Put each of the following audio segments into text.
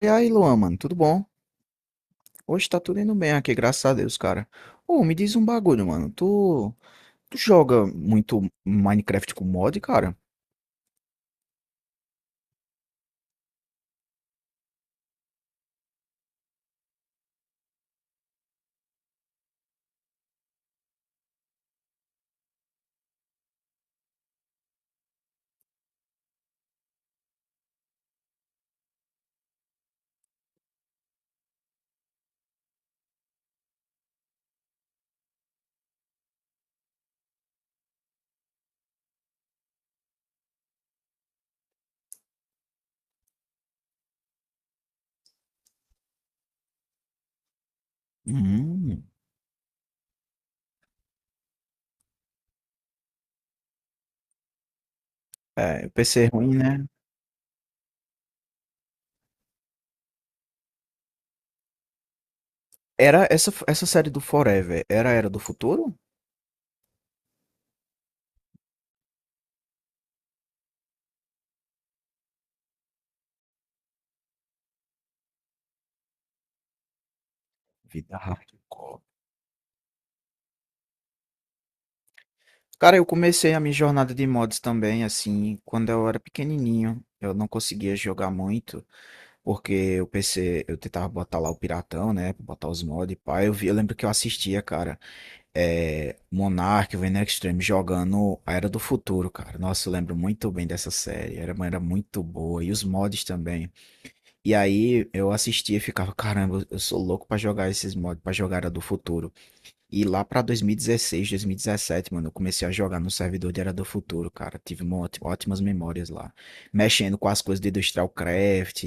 E aí, Luan, mano, tudo bom? Hoje tá tudo indo bem aqui, graças a Deus, cara. Ô, me diz um bagulho, mano. Tu joga muito Minecraft com mod, cara? Hum, é, PC ruim, né? Era essa série do Forever, era a Era do Futuro? Vida hardcore. Cara, eu comecei a minha jornada de mods também, assim, quando eu era pequenininho. Eu não conseguia jogar muito, porque o PC, eu tentava botar lá o piratão, né? Botar os mods, pá. Eu vi, eu lembro que eu assistia, cara. Monark, Venom Extreme jogando a Era do Futuro, cara. Nossa, eu lembro muito bem dessa série. Era, era muito boa. E os mods também. E aí eu assistia e ficava, caramba, eu sou louco pra jogar esses mods, pra jogar a Era do Futuro. E lá pra 2016, 2017, mano, eu comecei a jogar no servidor de Era do Futuro, cara. Tive ótimas memórias lá. Mexendo com as coisas de Industrial Craft,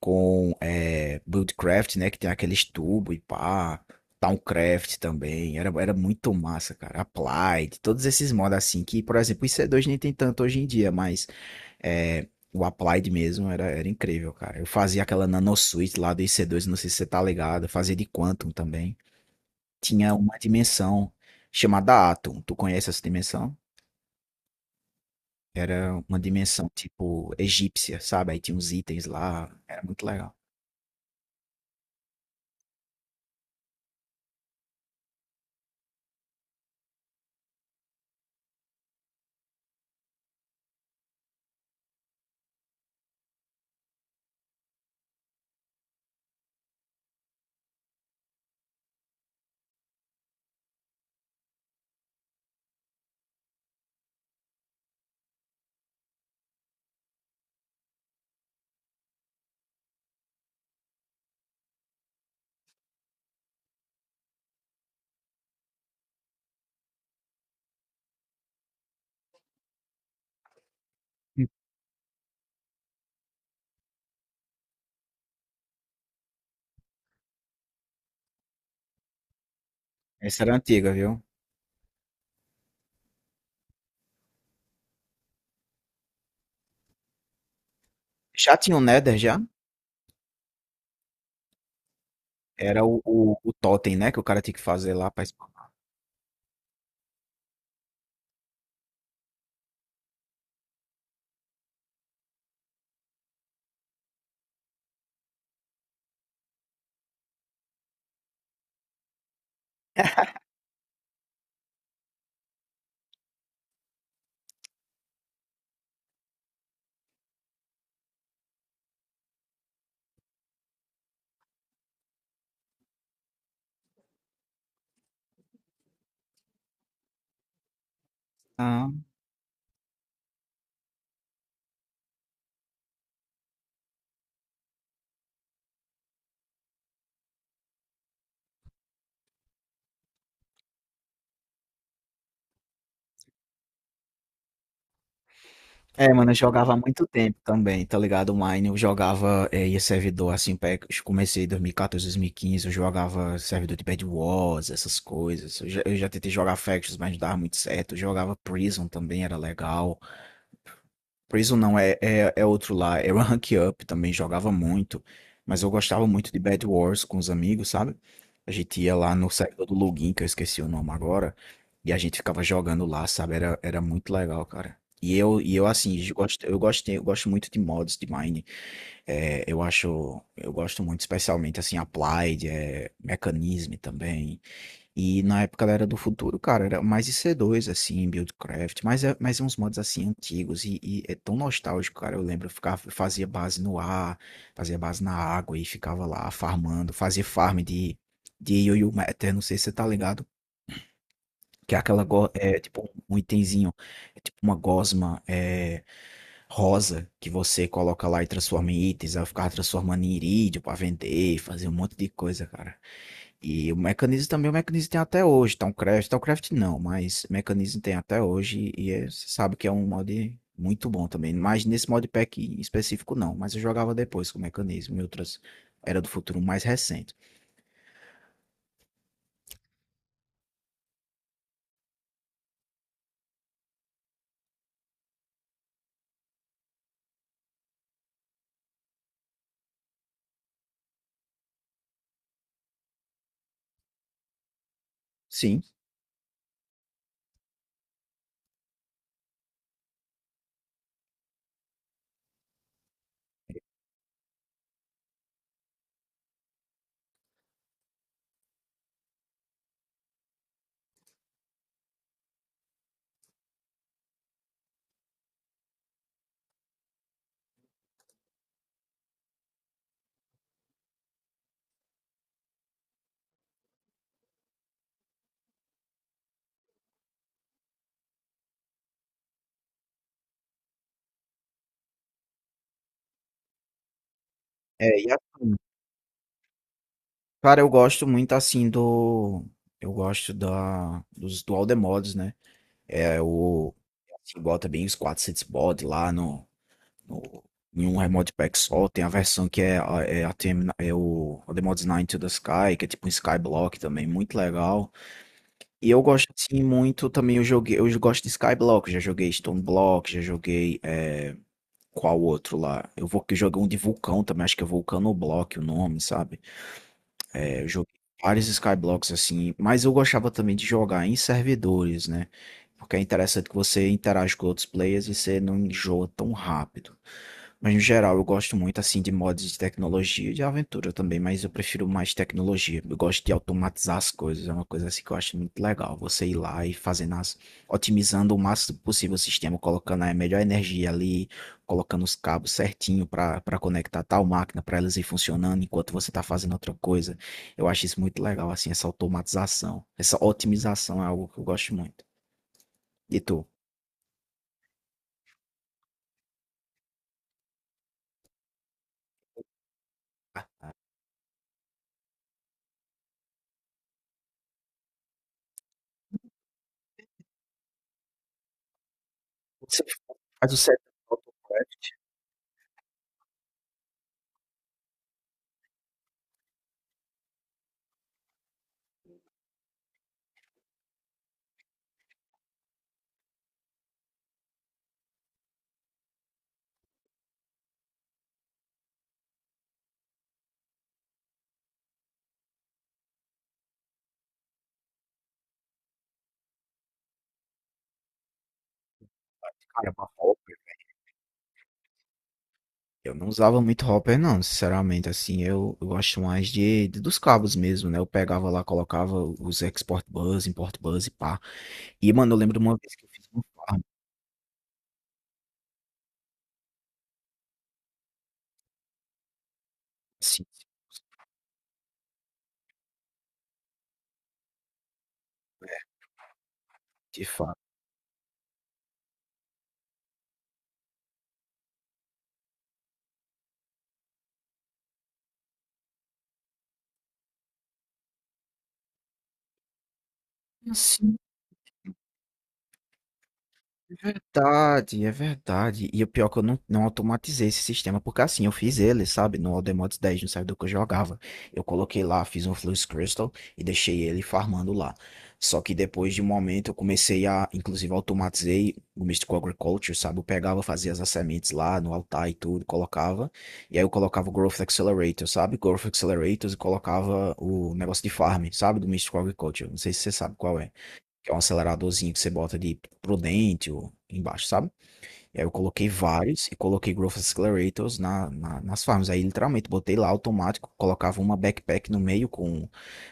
com Buildcraft, né? Que tem aqueles tubos e pá. Towncraft também. Era muito massa, cara. Applied, todos esses mods assim, que, por exemplo, o IC2 nem tem tanto hoje em dia, mas é, o Applied mesmo era incrível, cara. Eu fazia aquela Nano Suite lá do IC2, não sei se você tá ligado. Eu fazia de Quantum também. Tinha uma dimensão chamada Atum. Tu conhece essa dimensão? Era uma dimensão tipo egípcia, sabe? Aí tinha uns itens lá, era muito legal. Essa era antiga, viu? Já tinha o Nether já? Era o totem, né? Que o cara tinha que fazer lá pra spawnar. Ah, é, mano, eu jogava há muito tempo também, tá ligado? Online, eu jogava, ia servidor assim, eu comecei em 2014, 2015, eu jogava servidor de Bed Wars, essas coisas. Eu já tentei jogar Factions, mas não dava muito certo. Eu jogava Prison também, era legal. Prison não, é outro lá. Era Rank Up também, jogava muito. Mas eu gostava muito de Bed Wars com os amigos, sabe? A gente ia lá no servidor do Login, que eu esqueci o nome agora. E a gente ficava jogando lá, sabe? Era muito legal, cara. E eu assim, eu gosto muito de mods de Mine. Eu gosto muito, especialmente assim, Applied, Mechanism também. E na época ela era do futuro, cara, era mais IC2, assim, Buildcraft, mas, mas é uns mods, assim, antigos, e é tão nostálgico, cara, eu lembro, eu ficava, eu fazia base no ar, fazia base na água, e ficava lá farmando, fazia farm de Yoyo Matter, não sei se você tá ligado, que é aquela, é tipo um itemzinho, é tipo uma rosa, que você coloca lá e transforma em itens, aí eu ficava transformando em irídio pra vender, fazia um monte de coisa, cara. E o mecanismo também, o mecanismo tem até hoje, Towncraft, Towncraft não, mas mecanismo tem até hoje você sabe que é um mod muito bom também, mas nesse modpack em específico não, mas eu jogava depois com o mecanismo e outras Era do Futuro mais recente. Sim, é, e assim, cara, eu gosto muito assim do, eu gosto da, dos dual the mods, né, é o, assim, bota bem os 400 mods lá no- em um remote pack só. Tem a versão que é, ATM, é o the mods 9 to the Sky, que é tipo um Skyblock também, muito legal. E eu gosto assim muito também, eu gosto de Skyblock, já joguei Stone Block, já joguei qual outro lá? Eu vou que joguei um de vulcão também, acho que é Vulcanoblock o nome, sabe? É, eu joguei vários Skyblocks assim, mas eu gostava também de jogar em servidores, né? Porque é interessante que você interage com outros players e você não enjoa tão rápido. Mas no geral, eu gosto muito assim de mods de tecnologia e de aventura também, mas eu prefiro mais tecnologia. Eu gosto de automatizar as coisas, é uma coisa assim que eu acho muito legal. Você ir lá e fazendo as, otimizando o máximo possível o sistema, colocando a melhor energia ali, colocando os cabos certinho para conectar tal máquina, para elas ir funcionando enquanto você está fazendo outra coisa. Eu acho isso muito legal assim, essa automatização, essa otimização é algo que eu gosto muito. E tu? Você faz o setup do AutoCraft, cara, uma obra. Eu não usava muito hopper, não, sinceramente. Assim, eu gosto mais dos cabos mesmo, né? Eu pegava lá, colocava os export bus, import bus e pá. E, mano, eu lembro de uma vez que eu fiz uma farm, assim, de fato. É verdade, é verdade. E o pior é que eu não automatizei esse sistema, porque assim, eu fiz ele, sabe, no Aldemotes 10, no servidor que eu jogava. Eu coloquei lá, fiz um Flux Crystal e deixei ele farmando lá. Só que depois de um momento eu comecei a, inclusive, automatizei o Mystical Agriculture, sabe? Eu pegava, fazia as sementes lá no altar e tudo, colocava. E aí eu colocava o Growth Accelerator, sabe? Growth Accelerators e colocava o negócio de farm, sabe? Do Mystical Agriculture. Não sei se você sabe qual é que é um aceleradorzinho que você bota de prudente ou embaixo, sabe? E aí eu coloquei vários e coloquei Growth Accelerators nas farms. Aí literalmente botei lá automático, colocava uma backpack no meio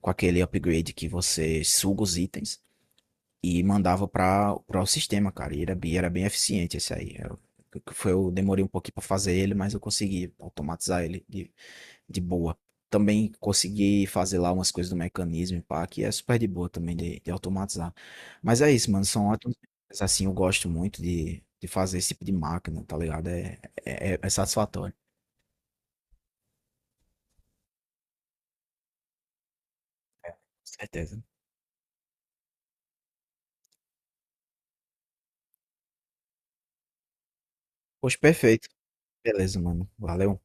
com aquele upgrade que você suga os itens e mandava para o sistema, cara. E era, era bem eficiente esse aí. Eu demorei um pouquinho para fazer ele, mas eu consegui automatizar ele de boa. Também consegui fazer lá umas coisas do mecanismo, e pá, que é super de boa também de automatizar. Mas é isso, mano, são ótimos. Mas, assim, eu gosto muito de fazer esse tipo de máquina, tá ligado? É satisfatório, com certeza. Poxa, perfeito. Beleza, mano. Valeu.